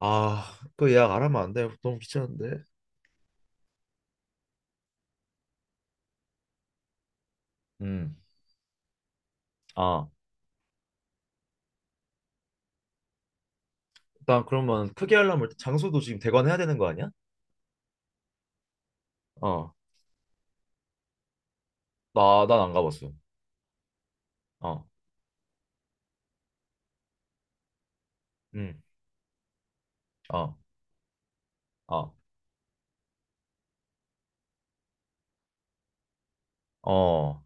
아, 그 예약 안 하면 안 돼. 너무 귀찮은데. 음, 아, 일단 그러면 크게 하려면 일단 장소도 지금 대관해야 되는 거 아니야? 어, 난 안 가봤어. 어, 응. 어, 어, 어.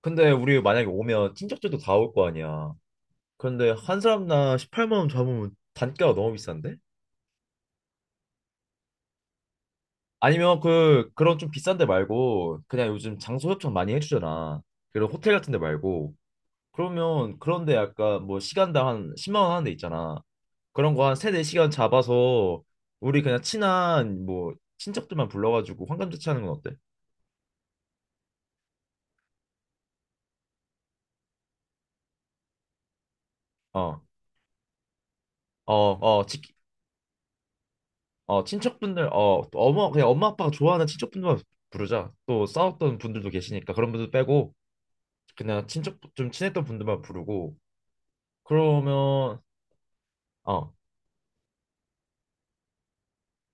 근데 우리 만약에 오면 친척들도 다 올 거 아니야. 그런데 한 사람당 18만 원 잡으면 단가가 너무 비싼데? 아니면 그런 좀 비싼 데 말고, 그냥 요즘 장소 협찬 많이 해주잖아. 그런 호텔 같은 데 말고, 그러면 그런데 약간 뭐 시간당 한 10만 원 하는 데 있잖아. 그런 거 한 세네 시간 잡아서 우리 그냥 친한 뭐 친척들만 불러가지고 환감잔치 하는 건 어때? 어, 어, 어, 어, 친척분들, 또 엄마, 그냥 엄마 아빠가 좋아하는 친척분들만 부르자. 또 싸웠던 분들도 계시니까 그런 분들 빼고 그냥 친척, 좀 친했던 분들만 부르고 그러면, 어,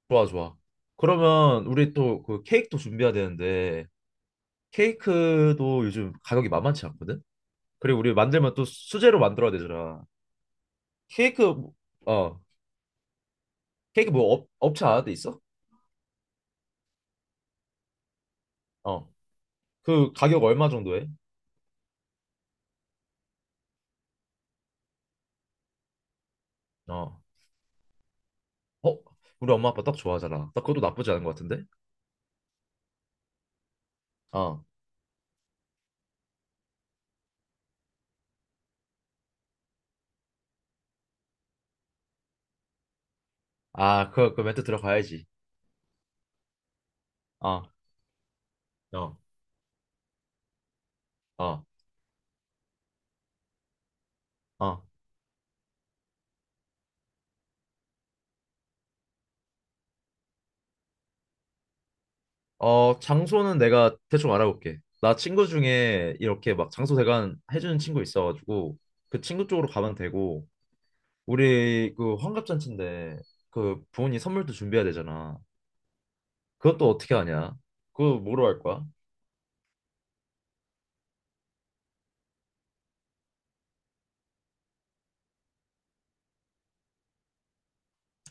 좋아, 좋아. 그러면 우리 또 그 케이크도 준비해야 되는데 케이크도 요즘 가격이 만만치 않거든? 그리고 우리 만들면 또 수제로 만들어야 되잖아. 케이크 뭐- 어, 케이크 뭐 업체 알아돼 있어? 어, 그 가격 얼마 정도 해? 어, 어? 우리 엄마 아빠 떡 좋아하잖아. 딱 그것도 나쁘지 않은 것 같은데? 어아그그 멘트 들어가야지. 어어어어 어, 장소는 내가 대충 알아볼게. 나 친구 중에 이렇게 막 장소 대관 해주는 친구 있어가지고 그 친구 쪽으로 가면 되고 우리 그 환갑잔치인데 그 부모님 선물도 준비해야 되잖아. 그것도 어떻게 하냐? 그거 뭐로 할 거야?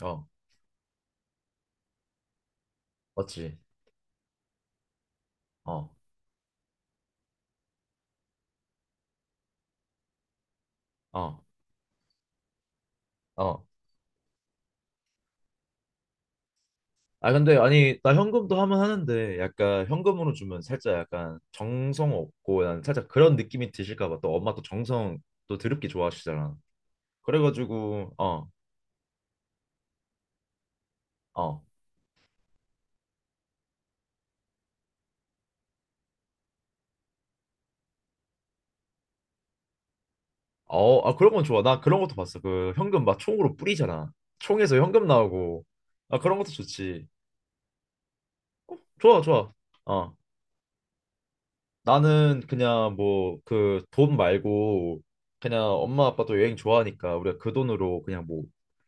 어, 맞지? 어, 어, 어. 아, 근데 아니, 나 현금도 하면 하는데 약간 현금으로 주면 살짝 약간 정성 없고 난 살짝 그런 느낌이 드실까 봐. 또 엄마 또 정성 또 드럽게 좋아하시잖아. 그래가지고 어. 어, 아 그런 건 좋아. 나 그런 것도 봤어. 그 현금 막 총으로 뿌리잖아. 총에서 현금 나오고. 아, 그런 것도 좋지. 좋아, 좋아. 어. 나는 그냥 뭐 그 돈 말고 그냥 엄마 아빠도 여행 좋아하니까 우리가 그 돈으로 그냥 뭐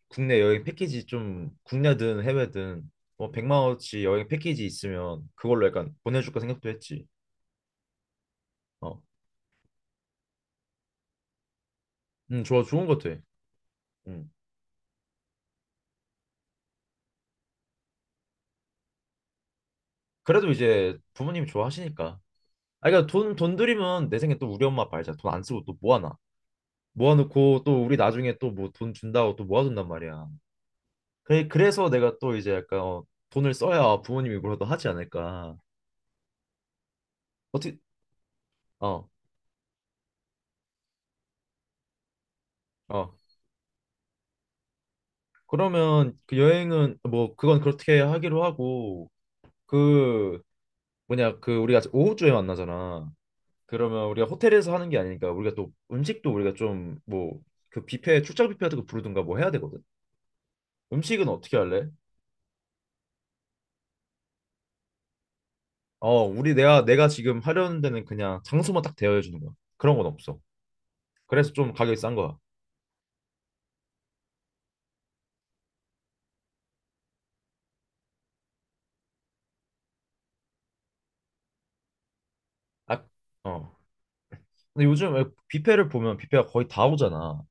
국내 여행 패키지 좀 국내든 해외든 뭐 100만 원어치 여행 패키지 있으면 그걸로 약간 보내줄까 생각도 했지. 어, 좋아, 좋은 것 같아. 음, 그래도 이제 부모님이 좋아하시니까. 아, 그러니까 돈 들이면 내 생각에 또 우리 엄마 아빠 알잖아. 돈 안 쓰고 또 모아놔. 모아놓고 또 우리 나중에 또 뭐 돈 준다고 또 모아둔단 말이야. 그래, 그래서 내가 또 이제 약간 돈을 써야 부모님이 뭐라도 하지 않을까. 어떻게, 어, 어. 그러면 그 여행은 뭐 그건 그렇게 하기로 하고 그 뭐냐 그 우리가 오후쯤에 만나잖아. 그러면 우리가 호텔에서 하는 게 아니니까 우리가 또 음식도 우리가 좀 뭐 그 뷔페 출장 뷔페 같은 거 부르든가 뭐 해야 되거든. 음식은 어떻게 할래? 어, 우리 내가 지금 하려는 데는 그냥 장소만 딱 대여해 주는 거야. 그런 건 없어. 그래서 좀 가격이 싼 거야. 아, 어. 근데 요즘 왜 뷔페를 보면 뷔페가 거의 다 오잖아.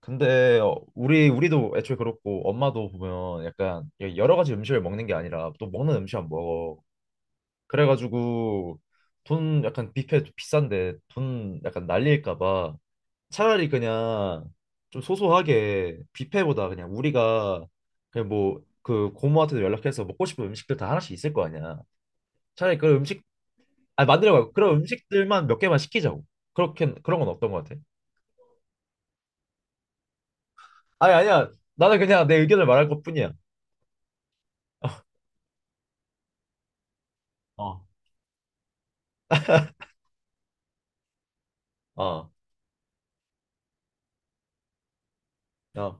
근데 우리도 애초에 그렇고 엄마도 보면 약간 여러 가지 음식을 먹는 게 아니라 또 먹는 음식 안 먹어. 그래가지고 돈 약간 뷔페 좀 비싼데 돈 약간 날릴까 봐 차라리 그냥 좀 소소하게 뷔페보다 그냥 우리가 그냥 뭐 그 고모한테도 연락해서 먹고 싶은 음식들 다 하나씩 있을 거 아니야. 차라리 그 음식 아 만들어 봐. 그런 음식들만 몇 개만 시키자고. 그렇게 그런 건 어떤 거 같아? 아니, 아니야. 나는 그냥 내 의견을 말할 것뿐이야. 어, 어, 어,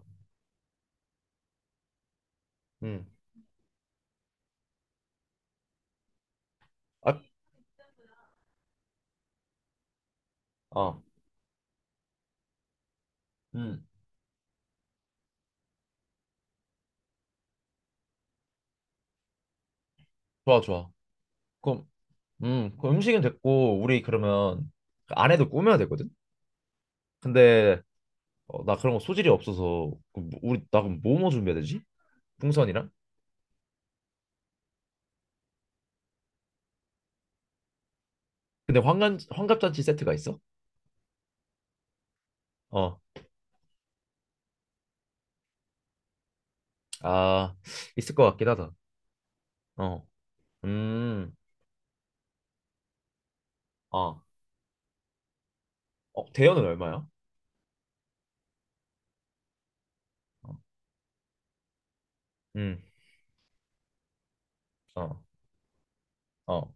음, 아, 어, 음, 좋아, 좋아. 그럼, 그 음식은 됐고, 우리 그러면 그 안에도 꾸며야 되거든? 근데, 나 그런 거 소질이 없어서, 그 우리, 나 그럼 뭐 뭐 준비해야 되지? 풍선이랑? 근데 환갑잔치 세트가 있어? 어, 아, 있을 것 같긴 하다. 어, 음, 어, 어, 대여는 얼마야? 어, 음, 어, 어,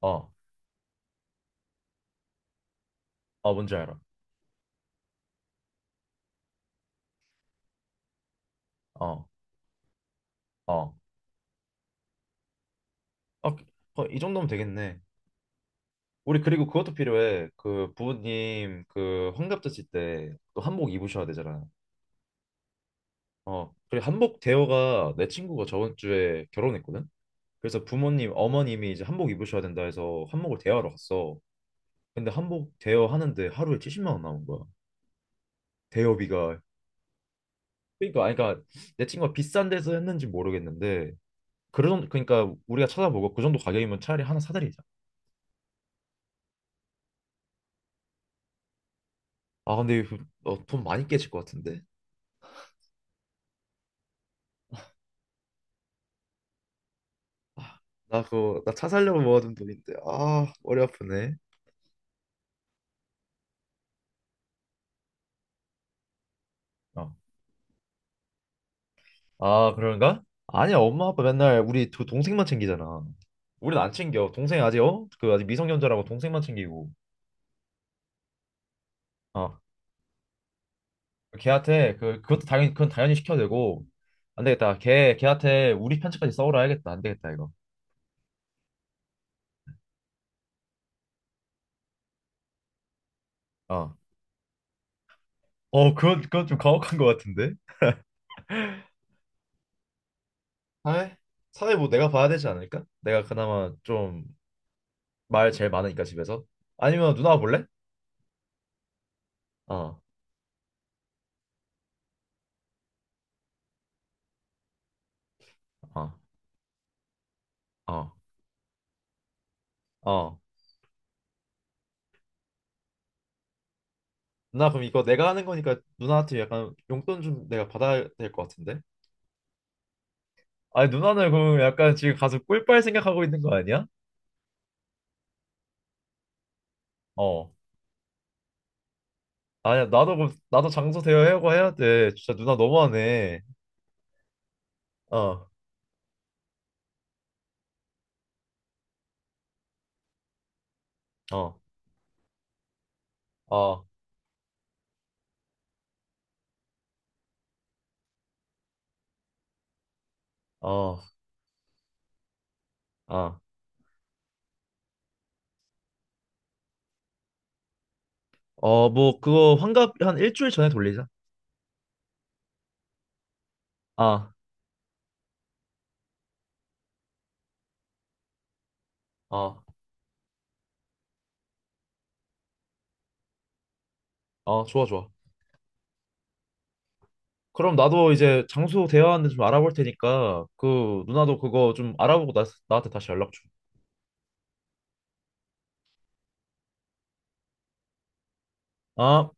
어, 어, 뭔지 알아. 어, 어, 아, 그, 어, 이 정도면 되겠네. 우리 그리고 그것도 필요해. 그 부모님 그 환갑 드실 때 또 한복 입으셔야 되잖아. 어, 그리고 한복 대여가 내 친구가 저번 주에 결혼했거든. 그래서 부모님 어머님이 이제 한복 입으셔야 된다 해서 한복을 대여하러 갔어. 근데 한복 대여 하는데 하루에 70만 원 나온 거야. 대여비가. 그러니까 아니 그러니까 내 친구가 비싼 데서 했는지 모르겠는데 그런 그러니까 우리가 찾아보고 그 정도 가격이면 차라리 하나 사드리자. 아 근데 이거, 어, 돈 많이 깨질 것 같은데. 나 그거 나 차 살려고 모아둔 돈인데 아 머리 아프네. 어. 아, 그런가? 아니야, 엄마 아빠 맨날 우리 두 동생만 챙기잖아. 우린 안 챙겨. 동생 아직 어? 그 아직 미성년자라고 동생만 챙기고. 어. 걔한테 그것도 당연히 그건 당연히 시켜야 되고. 안 되겠다. 걔 걔한테 우리 편차까지 써오라 해야겠다. 안 되겠다, 이거. 어. 어, 그건 좀 가혹한 것 같은데. 사회? 사회 뭐 내가 봐야 되지 않을까? 내가 그나마 좀 말 제일 많으니까 집에서. 아니면 누나가 볼래? 어. 어. 어. 어. 누나 그럼 이거 내가 하는 거니까 누나한테 약간 용돈 좀 내가 받아야 될 것 같은데? 아니 누나는 그럼 약간 지금 가서 꿀빨 생각하고 있는 거 아니야? 어. 아니야 나도 나도 장소 대여하고 해야 돼. 진짜 누나 너무하네. 어. 어. 어. 어. 어. 어 뭐 그거 환갑 한 일주일 전에 돌리자. 아. 어. 어 좋아 좋아. 그럼 나도 이제 장소 대여하는데 좀 알아볼 테니까 그 누나도 그거 좀 알아보고 나한테 다시 연락 줘. 아.